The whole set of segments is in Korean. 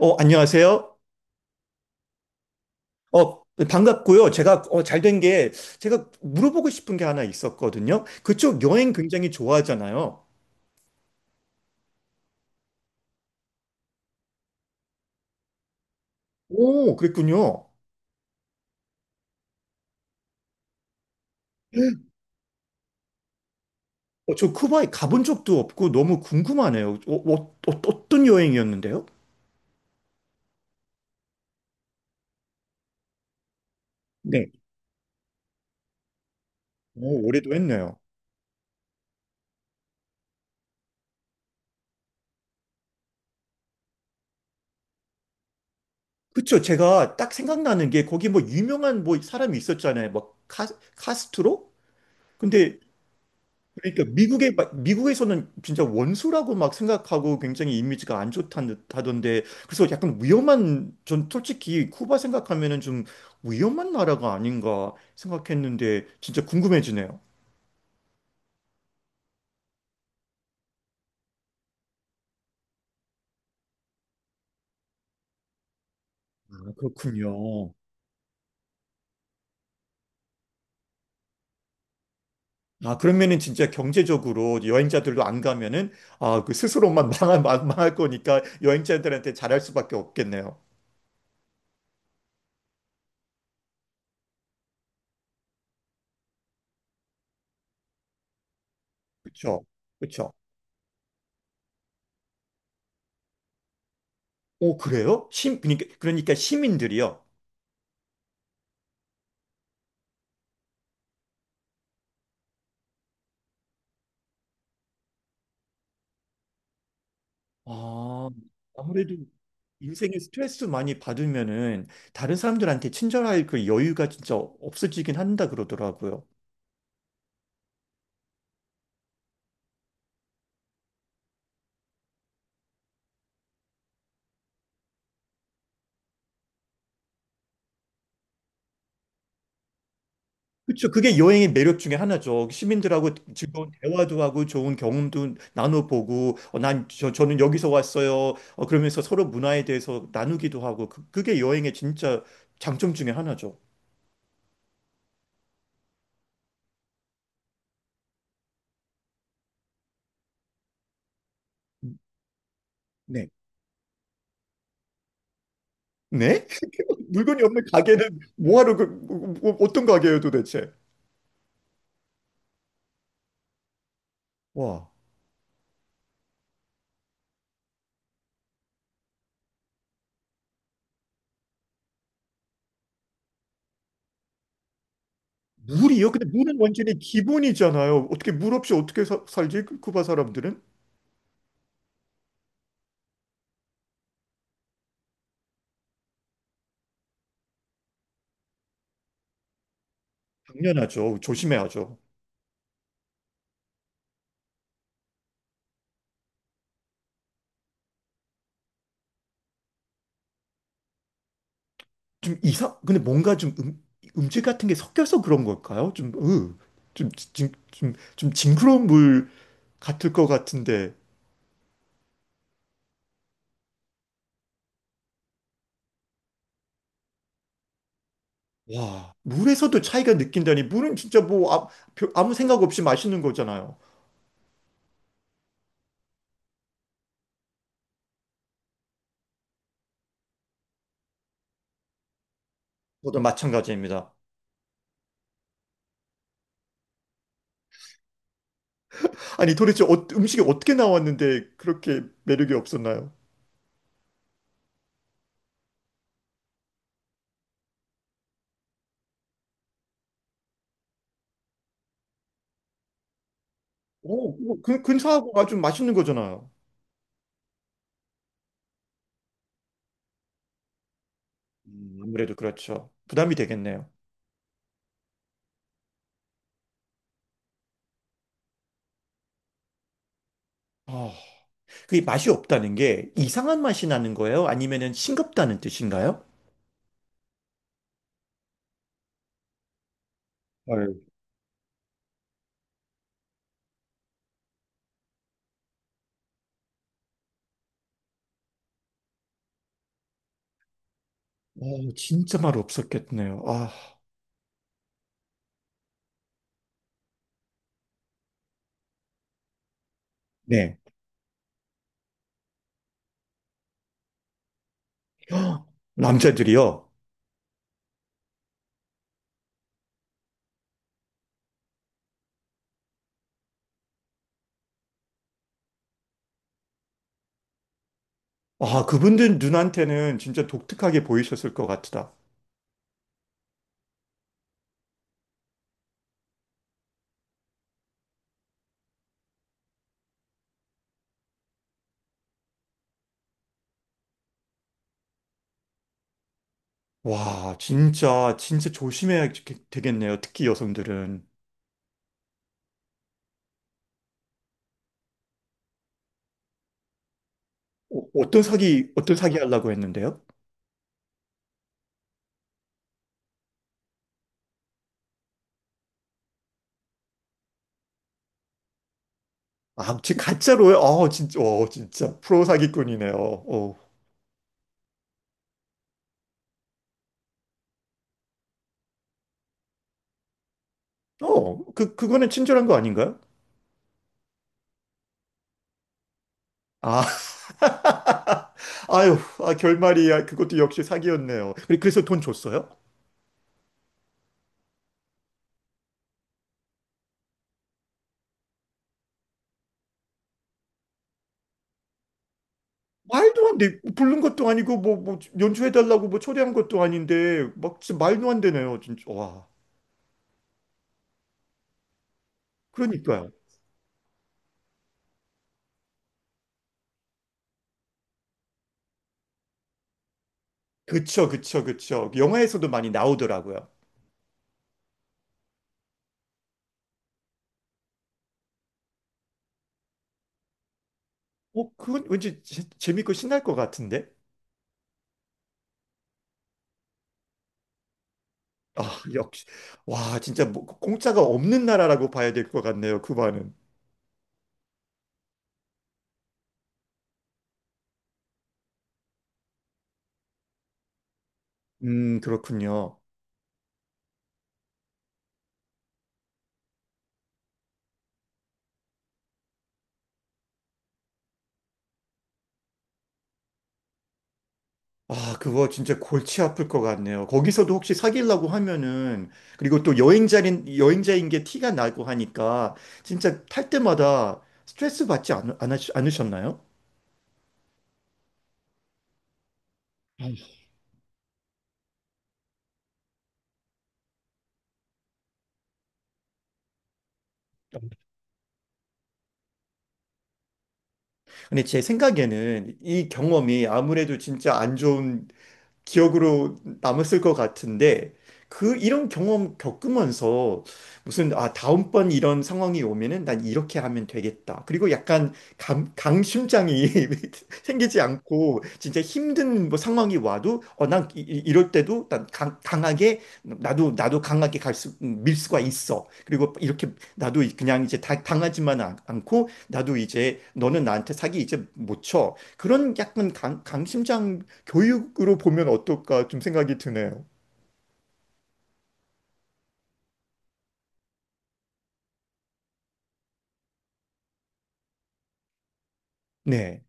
안녕하세요. 반갑고요. 제가 잘 된 게 제가 물어보고 싶은 게 하나 있었거든요. 그쪽 여행 굉장히 좋아하잖아요. 오, 그랬군요. 저 쿠바에 가본 적도 없고 너무 궁금하네요. 어, 어, 어, 떤 여행이었는데요? 네. 오, 올해도 했네요. 그쵸. 제가 딱 생각나는 게 거기 뭐 유명한 뭐 사람이 있었잖아요. 뭐 카스트로? 근데 그러니까 미국에서는 진짜 원수라고 막 생각하고 굉장히 이미지가 안 좋다던데, 그래서 약간 위험한, 전 솔직히 쿠바 생각하면은 좀 위험한 나라가 아닌가 생각했는데 진짜 궁금해지네요. 아, 그렇군요. 아, 그러면은 진짜 경제적으로 여행자들도 안 가면은, 아, 그 스스로만 망할, 망할 거니까 여행자들한테 잘할 수밖에 없겠네요. 그쵸? 그쵸? 오, 그래요? 그러니까 시민들이요. 아, 아무래도 인생에 스트레스 많이 받으면은 다른 사람들한테 친절할 그 여유가 진짜 없어지긴 한다 그러더라고요. 그렇죠. 그게 여행의 매력 중에 하나죠. 시민들하고 즐거운 대화도 하고 좋은 경험도 나눠보고, 저는 여기서 왔어요. 그러면서 서로 문화에 대해서 나누기도 하고, 그게 여행의 진짜 장점 중에 하나죠. 네. 네? 물건이 없는 가게는 뭐하러, 그, 뭐, 어떤 가게예요, 도대체? 와. 물이요? 근데 물은 완전히 기본이잖아요. 어떻게 물 없이 어떻게 살지? 쿠바 사람들은? 당연하죠. 조심해야죠. 근데 뭔가 좀, 음질 같은 게 섞여서 그런 걸까요? 좀, 으, 좀, 좀, 좀, 좀 징그러운 물 같을 것 같은데. 와, 물에서도 차이가 느낀다니. 물은 진짜 뭐, 아무 생각 없이 마시는 거잖아요. 저도 마찬가지입니다. 아니, 도대체 음식이 어떻게 나왔는데 그렇게 매력이 없었나요? 오, 그거 근사하고 아주 맛있는 거잖아요. 아무래도 그렇죠. 부담이 되겠네요. 아, 그게 맛이 없다는 게 이상한 맛이 나는 거예요? 아니면은 싱겁다는 뜻인가요? 헐. 진짜 말 없었겠네요. 아, 네. 헉, 남자들이요. 아, 그분들 눈한테는 진짜 독특하게 보이셨을 것 같다. 와, 진짜, 진짜 조심해야 되겠네요. 특히 여성들은. 어떤 사기, 하려고 했는데요? 아, 지 가짜로요? 진짜, 진짜. 프로 사기꾼이네요. 어. 그거는 친절한 거 아닌가요? 아, 아유, 결말이, 그것도 역시 사기였네요. 그래서 돈 줬어요? 말도 안 돼. 부른 것도 아니고, 뭐, 연주해달라고 뭐 초대한 것도 아닌데, 막, 진짜 말도 안 되네요, 진짜. 와. 그러니까요. 그쵸, 그쵸, 그쵸. 영화에서도 많이 나오더라고요. 그건 왠지 재밌고 신날 것 같은데? 아, 역시. 와, 진짜 뭐, 공짜가 없는 나라라고 봐야 될 것 같네요, 쿠바는. 그렇군요. 아, 그거 진짜 골치 아플 것 같네요. 거기서도 혹시 사귀려고 하면은, 그리고 또 여행자인 게 티가 나고 하니까, 진짜 탈 때마다 스트레스 받지 않으셨나요? 아유, 근데 제 생각에는 이 경험이 아무래도 진짜 안 좋은 기억으로 남았을 것 같은데, 그 이런 경험 겪으면서 무슨, 다음번 이런 상황이 오면은 난 이렇게 하면 되겠다. 그리고 약간 강심장이 생기지 않고, 진짜 힘든 뭐 상황이 와도, 난 이럴 때도 난 강하게, 나도 나도 강하게 갈수 밀 수가 있어. 그리고 이렇게 나도 그냥 이제 당하지만 않고, 나도 이제 너는 나한테 사기 이제 못 쳐. 그런 약간 강심장 교육으로 보면 어떨까, 좀 생각이 드네요. 네.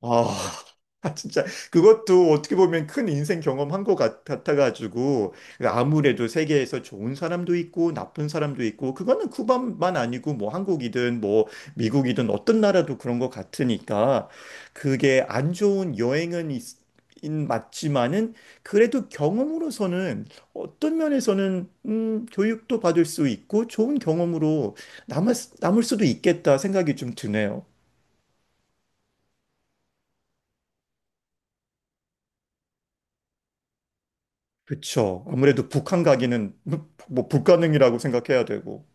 아, 진짜 그것도 어떻게 보면 큰 인생 경험한 것 같아가지고, 그러니까 아무래도 세계에서 좋은 사람도 있고 나쁜 사람도 있고, 그거는 쿠바만 아니고 뭐 한국이든 뭐 미국이든 어떤 나라도 그런 것 같으니까, 그게 안 좋은 여행은 있, 맞지만은 그래도 경험으로서는 어떤 면에서는, 교육도 받을 수 있고 좋은 경험으로 남을 수도 있겠다 생각이 좀 드네요. 그쵸. 아무래도 북한 가기는 뭐 불가능이라고 생각해야 되고.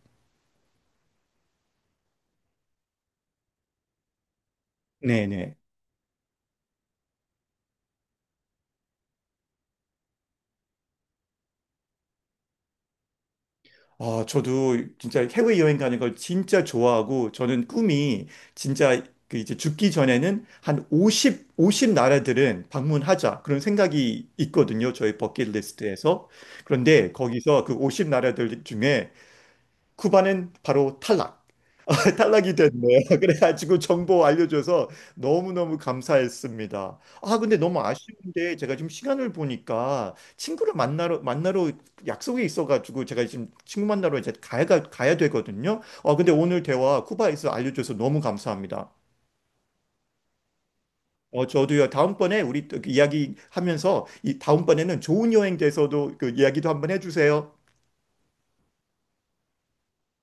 네네. 아, 저도 진짜 해외 여행 가는 걸 진짜 좋아하고, 저는 꿈이 진짜 그 이제 죽기 전에는 한 50, 50 나라들은 방문하자, 그런 생각이 있거든요. 저희 버킷리스트에서. 그런데 거기서 그 50 나라들 중에 쿠바는 바로 탈락. 탈락이 됐네요. 그래가지고 정보 알려줘서 너무너무 감사했습니다. 아, 근데 너무 아쉬운데 제가 지금 시간을 보니까 친구를 만나러 약속이 있어가지고, 제가 지금 친구 만나러 이제 가야 되거든요. 근데 오늘 대화 쿠바에서 알려줘서 너무 감사합니다. 저도요, 다음번에 우리 또 그 이야기 하면서, 이 다음번에는 좋은 여행 돼서도 그 이야기도 한번 해주세요.